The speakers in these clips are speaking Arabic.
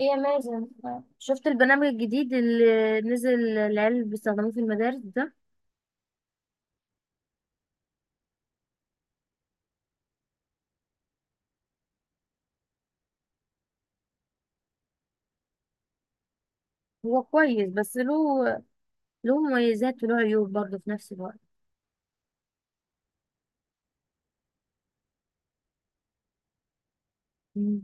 ايه يا مازن؟ شفت البرنامج الجديد اللي نزل العيال بيستخدموه في المدارس ده؟ هو كويس، بس له مميزات وله عيوب برضه في نفس الوقت. مم.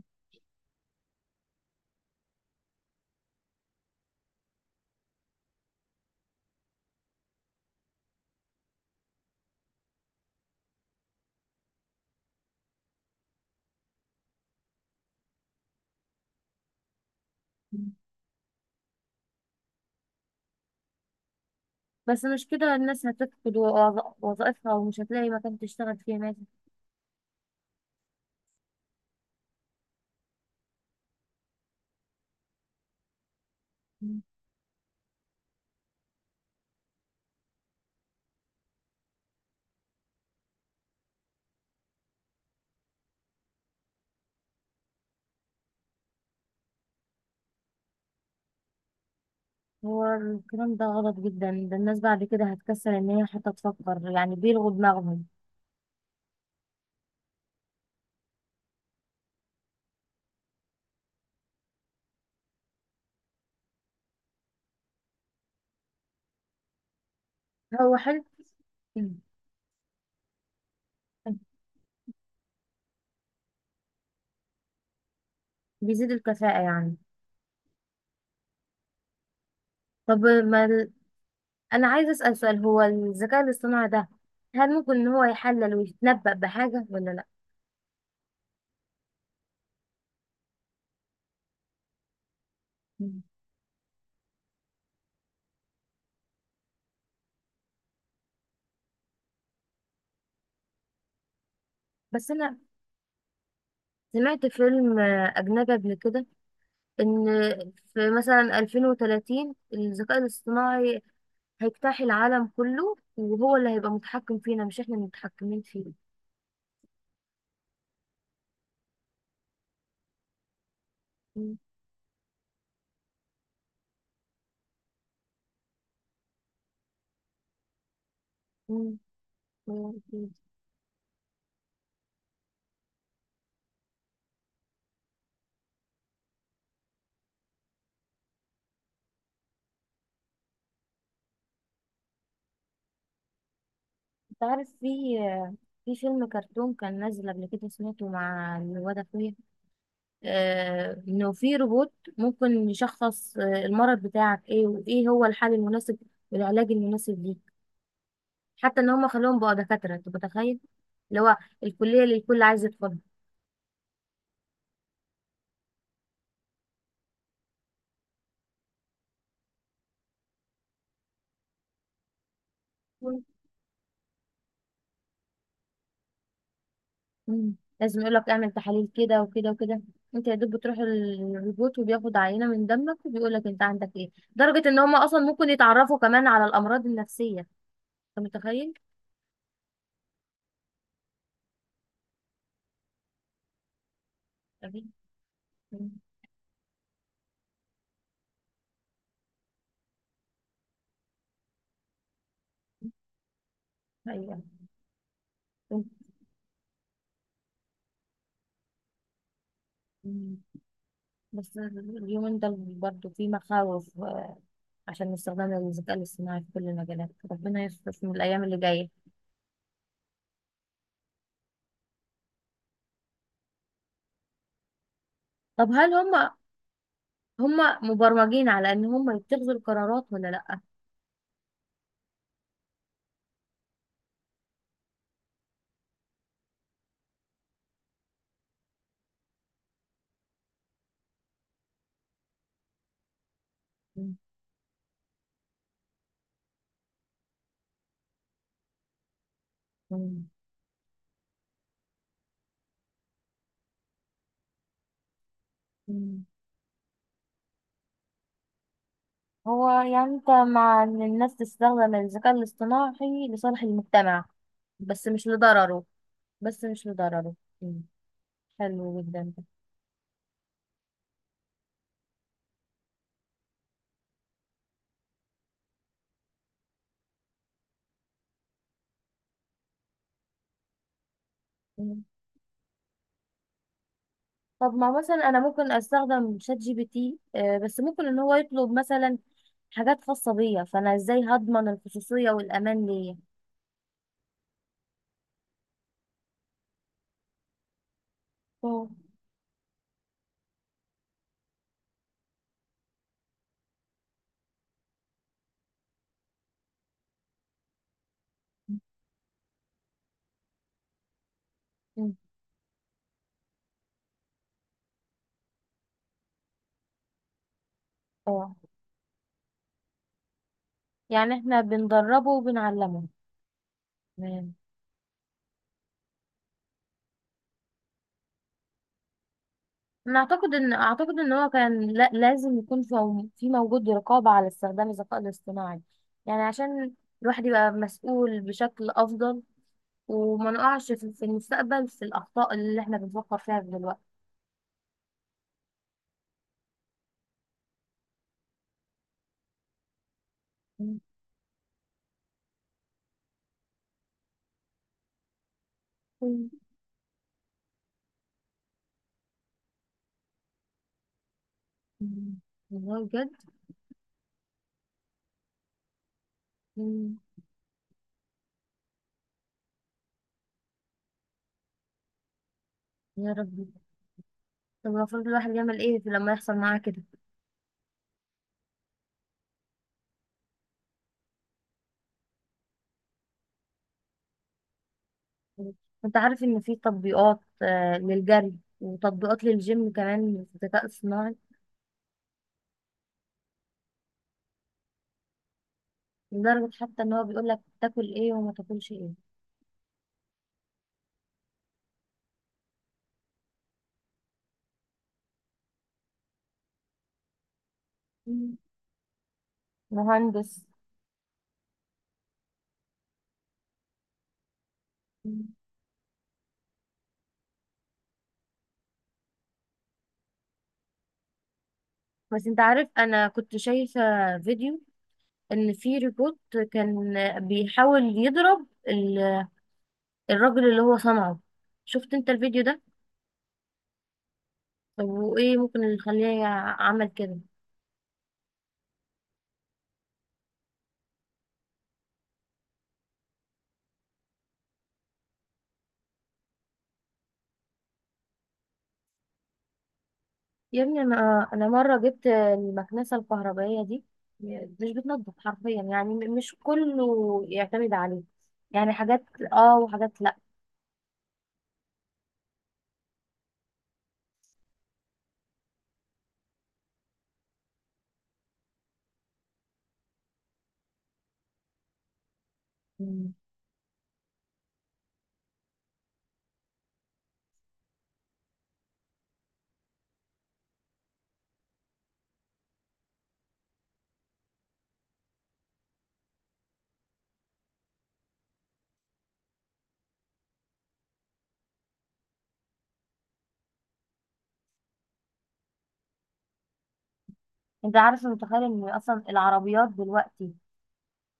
بس مش كده الناس هتفقد وظائفها ومش هتلاقي مكان تشتغل فيه يا مازن. مم. هو الكلام ده غلط جدا، ده الناس بعد كده هتكسل ان هي حتى تفكر، يعني بيلغوا دماغهم. هو حلو. مم. بيزيد الكفاءة يعني. طب ما انا عايزه اسال سؤال، هو الذكاء الاصطناعي ده هل ممكن ان هو يحلل ويتنبأ بحاجه ولا لا؟ مم. بس انا سمعت فيلم اجنبي قبل كده، ان في مثلا 2030 الذكاء الاصطناعي هيجتاح العالم كله، وهو اللي هيبقى متحكم فينا مش احنا اللي متحكمين فيه. مم. مم. مم. مم. انت عارف، في فيلم كرتون كان نازل قبل كده سمعته مع الواد اخويا، انه في روبوت ممكن يشخص المرض بتاعك ايه، وايه هو الحل المناسب والعلاج المناسب ليك. حتى ان هم خلوهم بقى دكاتره، انت متخيل؟ اللي هو الكليه اللي الكل عايز يدخلها. مم. لازم يقول لك اعمل تحاليل كده وكده وكده. انت يا دوب بتروح الروبوت وبياخد عينه من دمك وبيقول لك انت عندك ايه. لدرجه ان هم اصلا ممكن يتعرفوا كمان على الامراض النفسيه، انت متخيل؟ أكيد. مم. ايوه. مم. بس اليومين دول برضه في مخاوف عشان استخدام الذكاء الاصطناعي في كل المجالات، ربنا يستر في الأيام اللي جاية. طب هل هم مبرمجين على إن هم يتخذوا القرارات ولا لأ؟ مم. مم. مم. هو يعني أنت مع إن الناس تستخدم الذكاء الاصطناعي لصالح المجتمع بس مش لضرره؟ بس مش لضرره. مم. حلو جدا ده. مم. طب ما مثلا أنا ممكن أستخدم شات جي بي تي، بس ممكن إن هو يطلب مثلا حاجات خاصة بيا، فأنا إزاي هضمن الخصوصية والأمان ليا؟ مم. مم. اه. يعني احنا بندربه وبنعلمه، تمام. انا اعتقد ان هو كان لا لازم يكون في موجود رقابة على استخدام الذكاء الاصطناعي، يعني عشان الواحد يبقى مسؤول بشكل افضل، وما نقعش في المستقبل في الاخطاء اللي احنا بنفكر فيها دلوقتي. مم. مم. والله بجد. مم. يا ربي، طب المفروض الواحد يعمل ايه في لما يحصل معاه كده؟ انت عارف ان في تطبيقات للجري، وتطبيقات للجيم كمان في الذكاء الصناعي. لدرجة حتى ان هو بيقول لك تاكل ايه وما تاكلش ايه. مم. مهندس. مم. بس انت عارف انا كنت شايفة فيديو، ان في روبوت كان بيحاول يضرب الراجل اللي هو صنعه، شفت انت الفيديو ده؟ طب وايه ممكن اللي يخليه عمل كده؟ يا ابني، انا مرة جبت المكنسة الكهربائية دي مش بتنضف حرفيا، يعني مش كله يعتمد عليه، يعني حاجات اه وحاجات لا. انت عارف متخيل ان اصلا العربيات دلوقتي،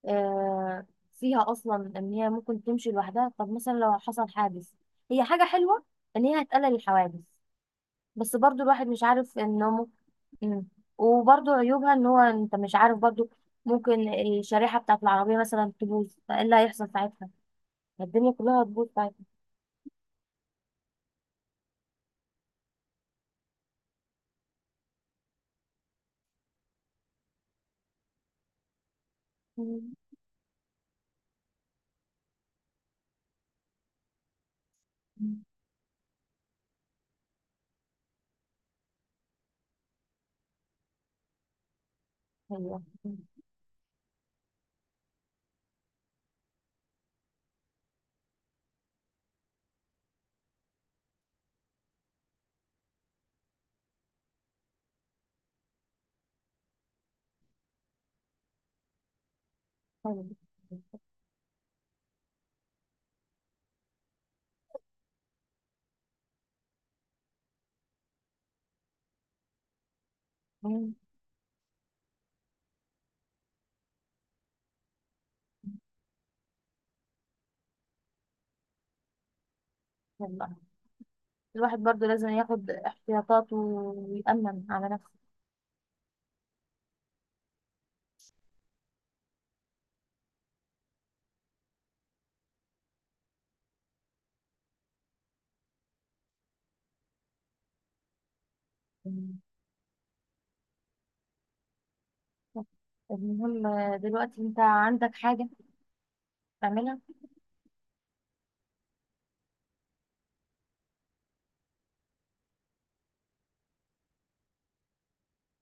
آه فيها اصلا ان هي ممكن تمشي لوحدها؟ طب مثلا لو حصل حادث؟ هي حاجة حلوة ان هي هتقلل الحوادث، بس برضو الواحد مش عارف انه ممكن، وبرضو عيوبها ان هو انت مش عارف برضو ممكن الشريحة بتاعت العربية مثلا تبوظ، فايه اللي هيحصل ساعتها؟ الدنيا كلها هتبوظ ساعتها. مم. ايوه. مم. مم. والله الواحد برضو لازم ياخد احتياطاته ويأمن على نفسه. المهم، دلوقتي انت عندك حاجة تعملها؟